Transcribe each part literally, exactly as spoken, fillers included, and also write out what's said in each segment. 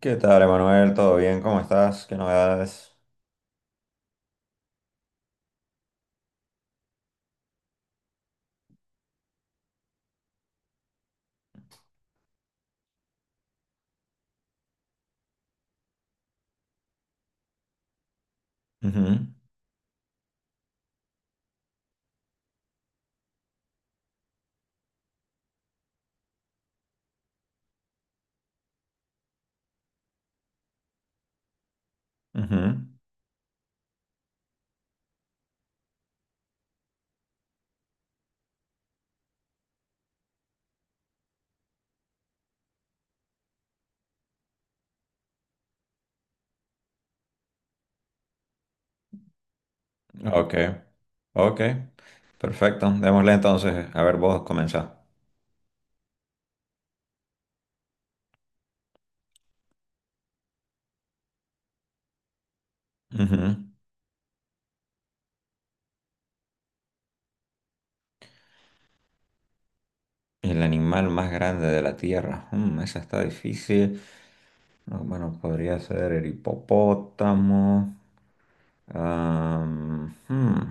¿Qué tal, Emanuel? ¿Todo bien? ¿Cómo estás? ¿Qué novedades? Ujú, ujú. Ok, ok. Perfecto. Démosle entonces. A ver, vos comenzá. Ujú. El animal más grande de la Tierra. Mm, esa está difícil. No, bueno, podría ser el hipopótamo. Am, hmm,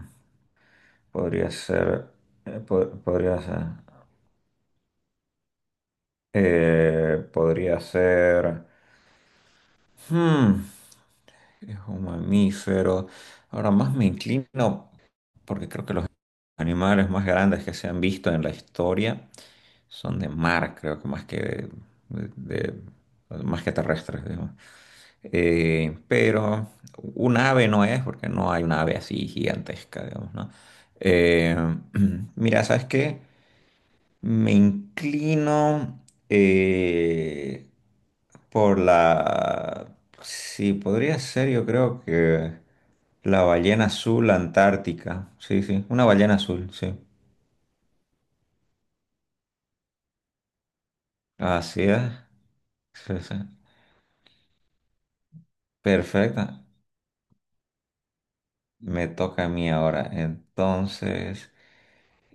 Podría ser. Eh, po- podría ser. Eh, podría ser. hmm, Es un mamífero. Ahora más me inclino, porque creo que los animales más grandes que se han visto en la historia son de mar, creo que más que de, de- más que terrestres, digamos. Eh, pero un ave no es, porque no hay una ave así gigantesca, digamos, ¿no? Eh, Mira, ¿sabes qué? Me inclino eh, por la. Sí, podría ser, yo creo que la ballena azul, Antártica. Sí, sí, una ballena azul, sí. Así es. Sí, sí. Perfecta. Me toca a mí ahora. Entonces,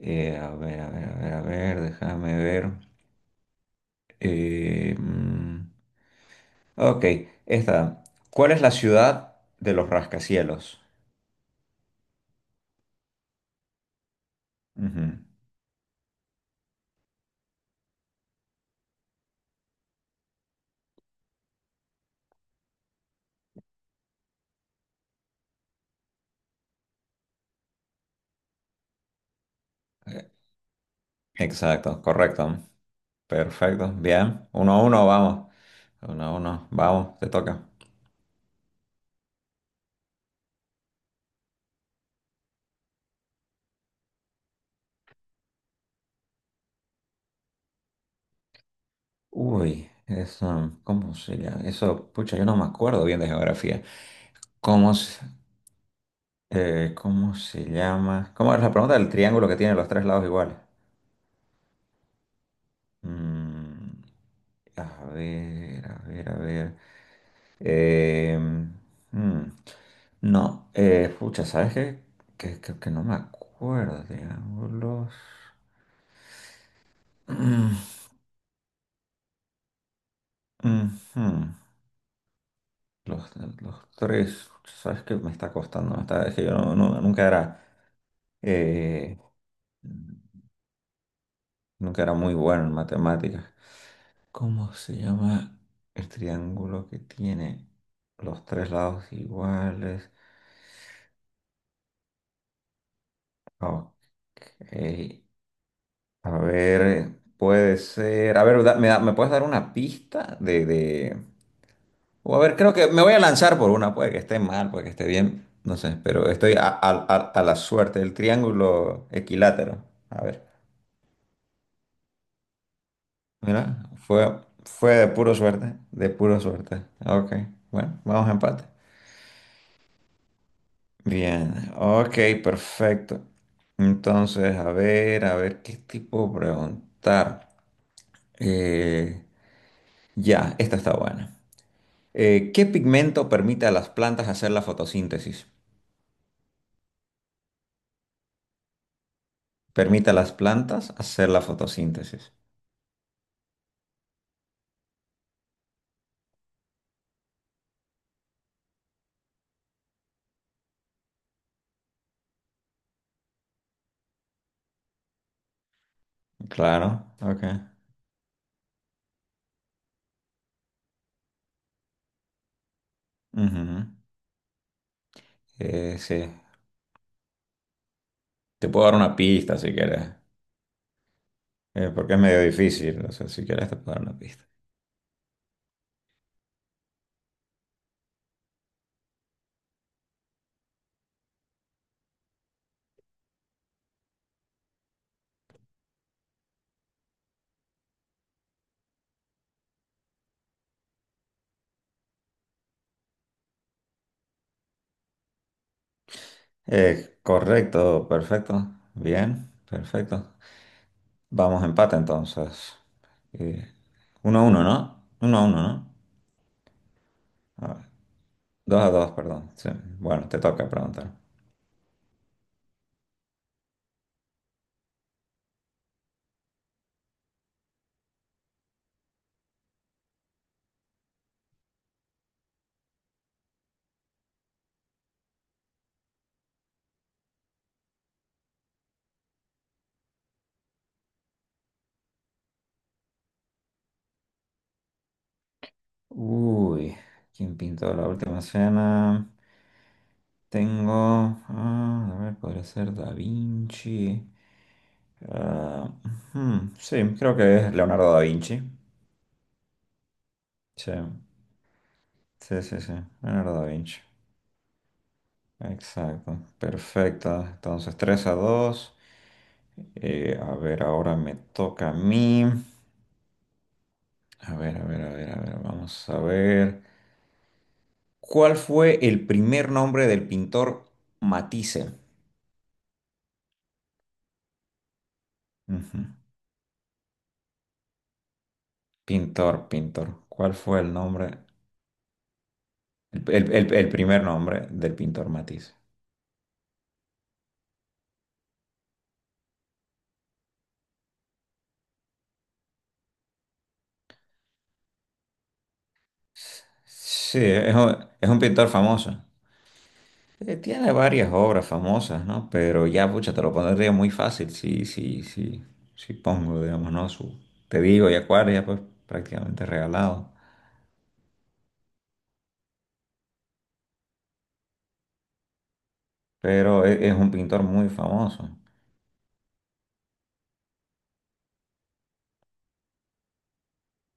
eh, a ver, a ver, a ver, a ver, déjame ver. Eh, mm, ok, esta. ¿Cuál es la ciudad de los rascacielos? Ujú. Exacto, correcto. Perfecto. Bien. Uno a uno, vamos. Uno a uno, vamos, te toca. Uy, eso, ¿cómo se llama? Eso, pucha, yo no me acuerdo bien de geografía. ¿Cómo se, eh, cómo se llama? ¿Cómo es la pregunta del triángulo que tiene los tres lados iguales? Mm, a ver, a ver, a ver. Eh, mm, no, eh, pucha, ¿sabes qué? Que, que, que no me acuerdo, triángulos. Ujú. Los, los tres, sabes que me está costando, me está- es que yo no- no- nunca era, eh, nunca era muy bueno en matemáticas. ¿Cómo se llama el triángulo que tiene los tres lados iguales? Ok, a ver, puede ser, a ver, da- ¿me, da- me puedes dar una pista de, de- o a ver, creo que me voy a lanzar por una, puede que esté mal, puede que esté bien, no sé, pero estoy a, a a- a la suerte, el triángulo equilátero, a ver. Mira, fue, fue de puro suerte, de pura suerte. Ok, bueno, vamos a empate. Bien, ok, perfecto. Entonces, a ver, a ver, ¿qué tipo preguntar? Eh, ya, esta está buena. Eh, ¿qué pigmento permite a las plantas hacer la fotosíntesis? Permite a las plantas hacer la fotosíntesis. Claro, ok. Ujú. Eh, sí, te puedo dar una pista si quieres, eh, porque es medio difícil, o sea, si quieres te puedo dar una pista. Eh, correcto, perfecto. Bien, perfecto. Vamos empate entonces. Eh, Uno a uno, ¿no? Uno a uno, ¿no? A ver, dos a dos, perdón. Sí. Bueno, te toca preguntar. Uy, ¿quién pintó La Última Cena? Tengo. Ah, a ver, podría ser Da Vinci. Ah, ujú, sí, creo que es Leonardo da Vinci. Sí, sí, sí, sí. Leonardo da Vinci. Exacto, perfecta. Entonces, tres a dos. Eh, a ver, ahora me toca a mí. A ver, a ver, a ver, a ver, vamos a ver. ¿Cuál fue el primer nombre del pintor Matisse? Ujú. Pintor, pintor. ¿Cuál fue el nombre? El, el- el- el primer nombre del pintor Matisse. Sí, es un, es un pintor famoso. Eh, Tiene varias obras famosas, ¿no? Pero ya, pucha, te lo pondría muy fácil, sí, sí, sí, sí pongo, digamos, ¿no? Su, te digo, y Acuario, pues prácticamente regalado. Pero e- es, un pintor muy famoso.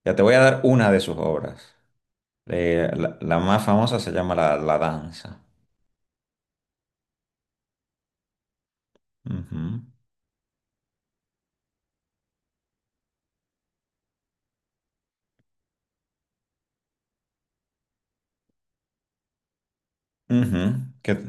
Ya te voy a dar una de sus obras. Eh, la, la más famosa se llama La, La Danza. Ujú, ujú, ¿qué-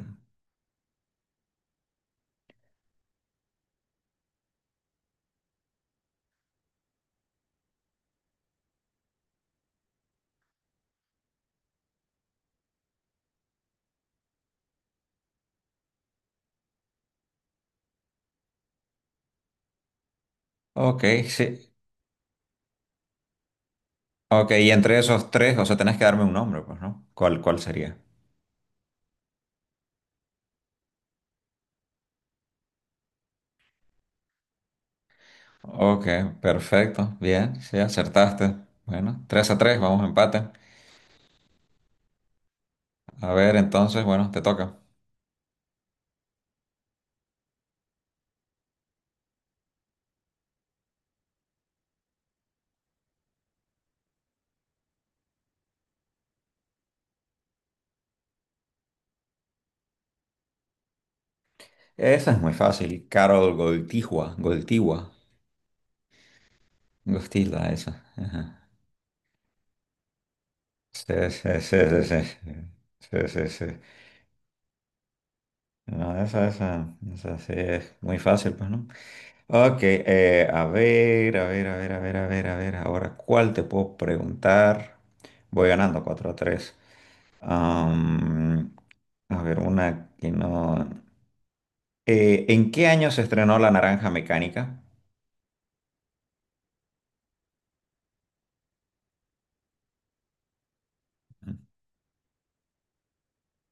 Ok, sí. Ok, y entre esos tres, o sea, tenés que darme un nombre, pues, ¿no? ¿Cuál, cuál sería? Ok, perfecto. Bien, sí, acertaste. Bueno, tres a tres, vamos a empate. A ver, entonces, bueno, te toca. Esa es muy fácil. Carol Goltigua, Goltigua, Gostila, esa. Ajá. Sí, sí, sí, sí, sí. Sí, sí, sí. No, esa, esa, esa sí es muy fácil, pues, ¿no? Ok, eh, a ver, a ver, a ver, a ver, a ver, a ver. Ahora, ¿cuál te puedo preguntar? Voy ganando cuatro a tres. Am, a ver, una que no. Eh, ¿en qué año se estrenó La Naranja Mecánica?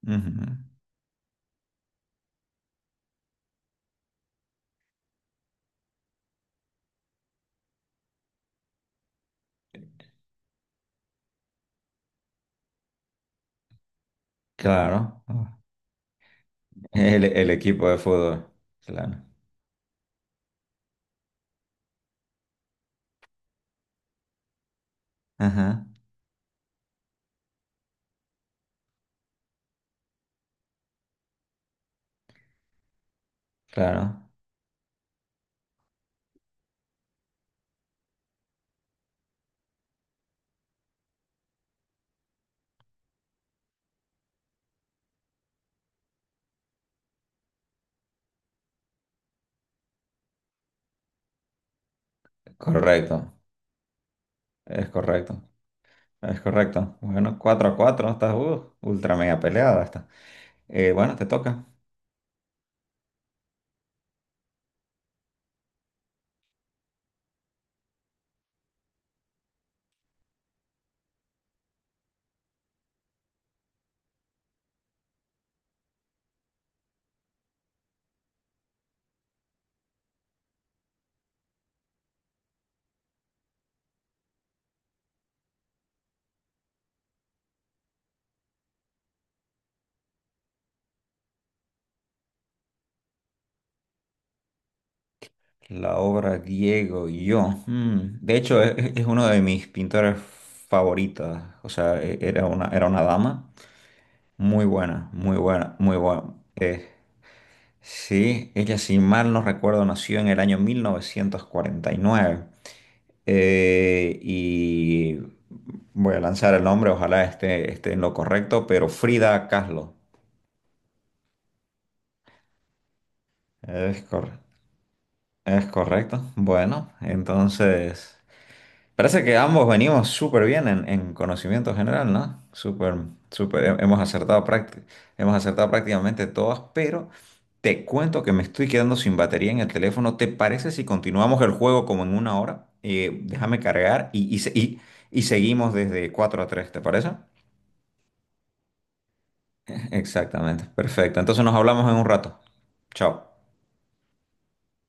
Ujú. Claro. El, el equipo de fútbol. Claro. Ajá. Claro. Correcto. Es correcto. Es correcto. Bueno, cuatro a cuatro, ¿no? Estás uh, ultra mega peleada. Está. Eh, bueno, te toca. La obra Diego y yo. Mm, De hecho, es, es- es uno de mis pintores favoritos. O sea, e- era una, era una dama. Muy buena, muy buena, muy buena. Sí, ella, si mal no recuerdo, nació en el año mil novecientos cuarenta y nueve. Eh, y voy a lanzar el nombre, ojalá esté, esté en lo correcto, pero Frida Kahlo. Es, cor- es correcto. Bueno, entonces. Parece que ambos venimos súper bien en, en conocimiento general, ¿no? Súper, súper, he- hemos acertado prácti- hemos acertado prácticamente todas, pero te cuento que me estoy quedando sin batería en el teléfono. ¿Te parece si continuamos el juego como en una hora? Eh, déjame cargar y, y, se- y- y seguimos desde cuatro a tres. ¿Te parece? Exactamente, perfecto. Entonces nos hablamos en un rato. Chao.